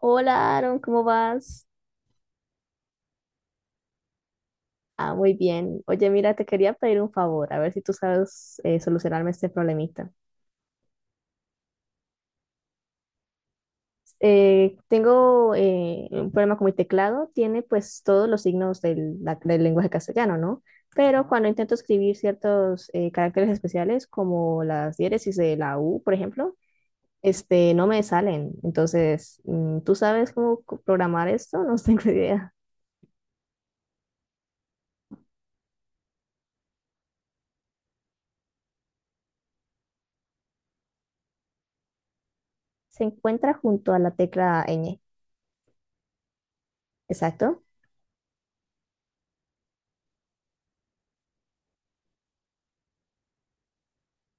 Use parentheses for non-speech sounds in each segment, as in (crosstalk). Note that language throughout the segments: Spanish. Hola, Aaron, ¿cómo vas? Ah, muy bien. Oye, mira, te quería pedir un favor, a ver si tú sabes, solucionarme este problemita. Tengo un problema con mi teclado, tiene pues todos los signos del lenguaje castellano, ¿no? Pero cuando intento escribir ciertos caracteres especiales, como las diéresis de la U, por ejemplo, este, no me salen. Entonces, ¿tú sabes cómo programar esto? (laughs) No tengo idea. Se encuentra junto a la tecla ñ, exacto.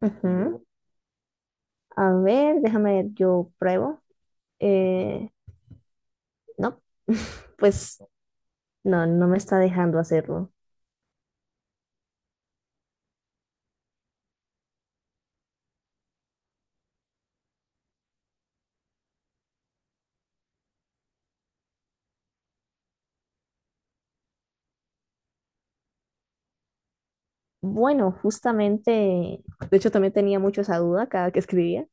Ujú. A ver, déjame ver, yo pruebo. Eh, no, (laughs) pues no, no me está dejando hacerlo. Bueno, justamente, de hecho también tenía mucho esa duda cada que escribía,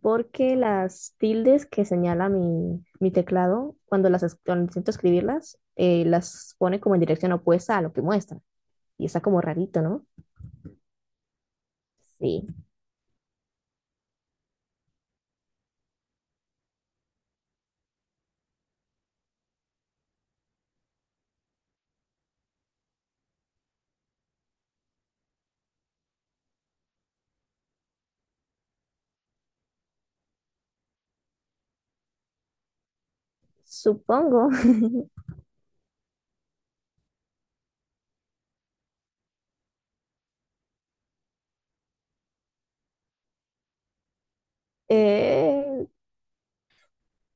porque las tildes que señala mi teclado, cuando las cuando intento escribirlas, las pone como en dirección opuesta a lo que muestra. Y está como rarito, ¿no? Sí, supongo. (laughs) Eh,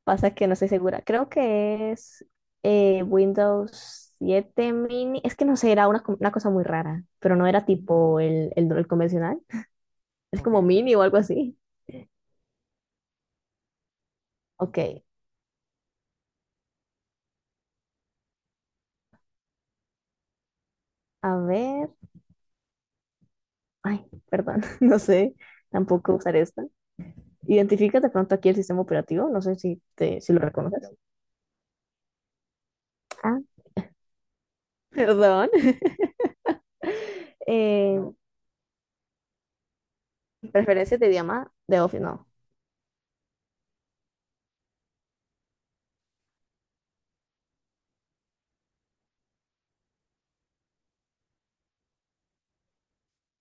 pasa que no estoy segura. Creo que es Windows 7 mini. Es que no sé, era una, una cosa muy rara, pero no era tipo el convencional. Es Ok como Ok mini o algo así. Ok, a ver. Ay, perdón, (laughs) no sé. Tampoco usar esta. Identificas de pronto aquí el sistema operativo. No sé si lo reconoces. Ah, perdón. (laughs) No. Preferencias de idioma de Office, no.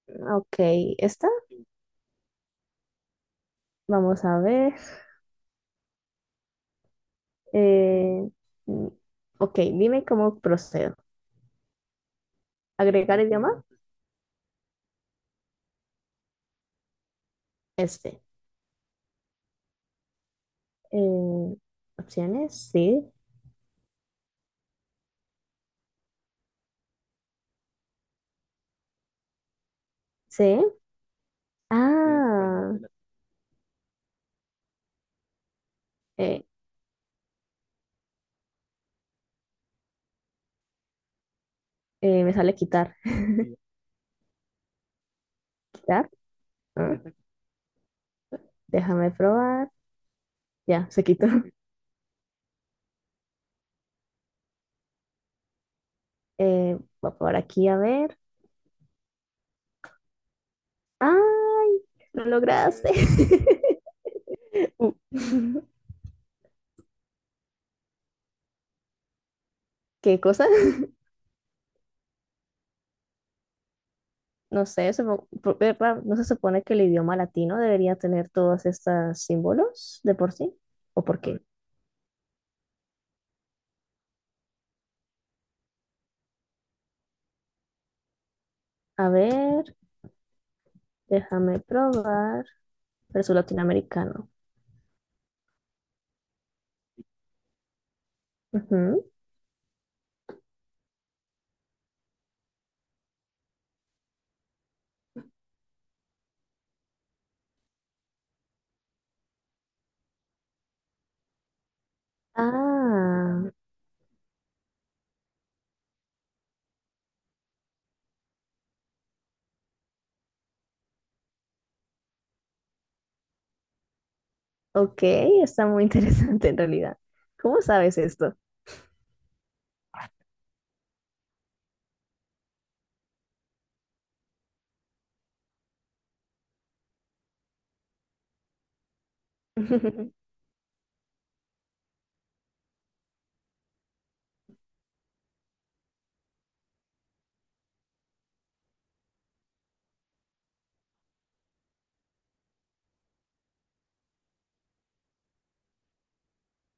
Ok, esta. Vamos a ver. Eh, mm, ok, dime cómo procedo. ¿Agregar idioma? Este. Eh, opciones, sí. Sí. Ah, eh, me sale quitar. ¿Quitar? Ah, déjame probar. Ya, se quitó. (laughs) Voy por aquí a ver. ¡Ay! Lo lograste. (laughs) Uh, (laughs) ¿Qué cosa? No sé, ¿no se supone que el idioma latino debería tener todos estos símbolos de por sí? ¿O por qué? A ver, déjame probar. Pero es latinoamericano. Ah, ok, está muy (laughs) interesante en realidad. ¿Cómo sabes esto? (laughs)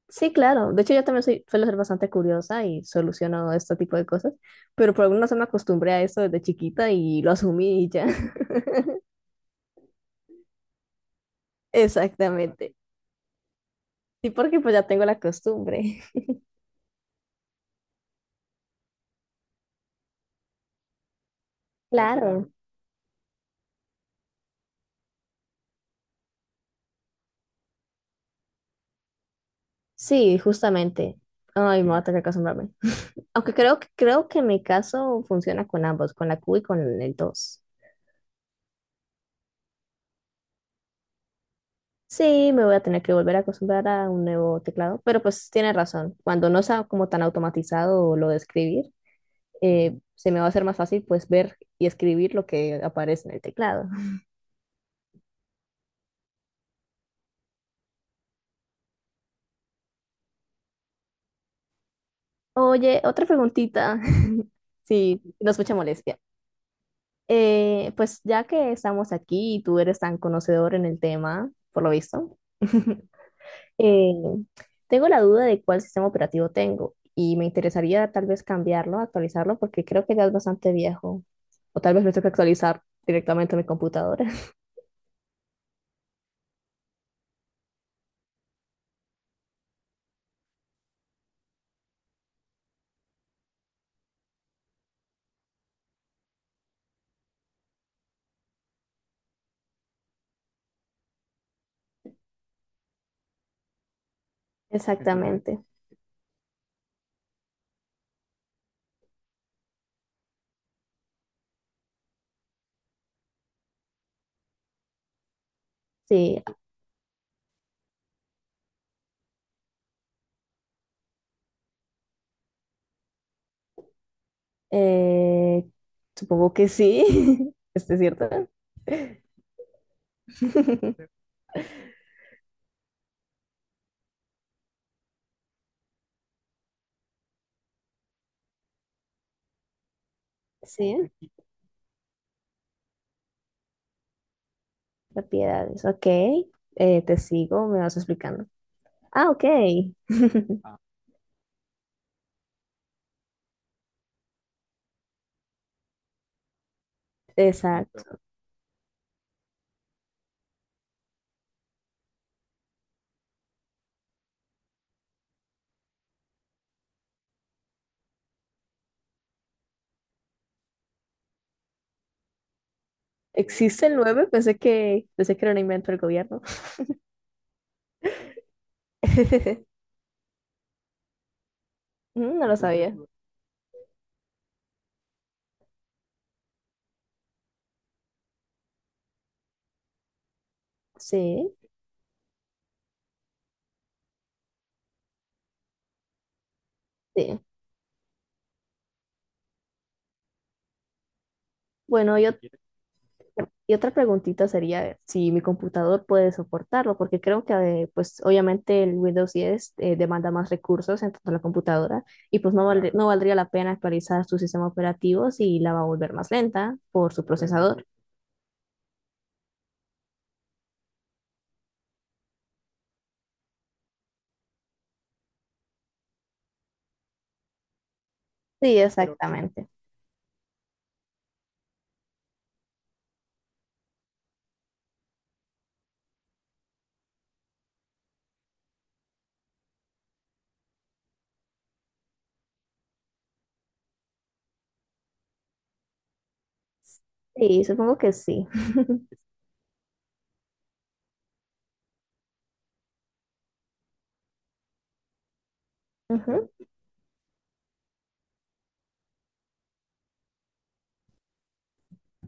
Sí, claro. De hecho, yo también soy, suelo ser bastante curiosa y soluciono este tipo de cosas, pero por alguna razón me acostumbré a eso desde chiquita y lo asumí y ya. (laughs) Exactamente. Sí, porque pues ya tengo la costumbre. (laughs) Claro. Sí, justamente. Ay, me voy a tener que acostumbrarme. Aunque creo que mi caso funciona con ambos, con la Q y con el 2. Sí, me voy a tener que volver a acostumbrar a un nuevo teclado, pero pues tiene razón. Cuando no sea como tan automatizado lo de escribir, se me va a hacer más fácil pues ver y escribir lo que aparece en el teclado. (laughs) Oye, otra preguntita, (laughs) si no escucha molestia. Pues ya que estamos aquí y tú eres tan conocedor en el tema, por lo visto, (laughs) Eh, tengo la duda de cuál sistema operativo tengo y me interesaría tal vez cambiarlo, actualizarlo, porque creo que ya es bastante viejo. O tal vez me tengo que actualizar directamente mi computadora. (laughs) Exactamente. Sí, eh, supongo que sí. (laughs) ¿Este es cierto? (laughs) Sí, propiedades. Ok, te sigo, me vas explicando. Ah, ok. Exacto. ¿Existe el nueve? Pensé pensé que era un invento del gobierno. (laughs) Mm, no lo sabía. Sí. Sí. Bueno, yo, ¿quieres? Y otra preguntita sería si mi computador puede soportarlo, porque creo que pues obviamente el Windows 10 demanda más recursos en tanto la computadora y pues no, claro, no valdría la pena actualizar su sistema operativo si la va a volver más lenta por su, bueno, procesador. Sí, pero exactamente. Sí, supongo que sí. Ujú.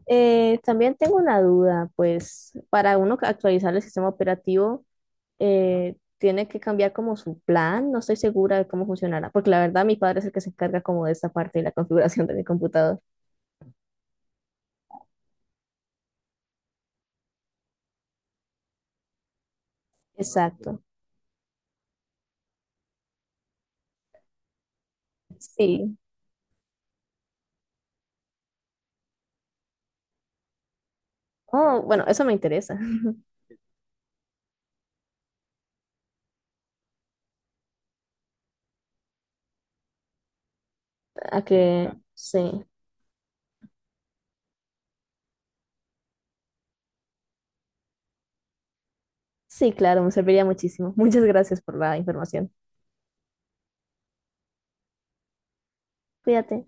También tengo una duda, pues para uno actualizar el sistema operativo tiene que cambiar como su plan, no estoy segura de cómo funcionará, porque la verdad mi padre es el que se encarga como de esta parte de la configuración de mi computador. Exacto, sí. Oh, bueno, eso me interesa. (laughs) A que sí, sí, claro, me serviría muchísimo. Muchas gracias por la información. Cuídate.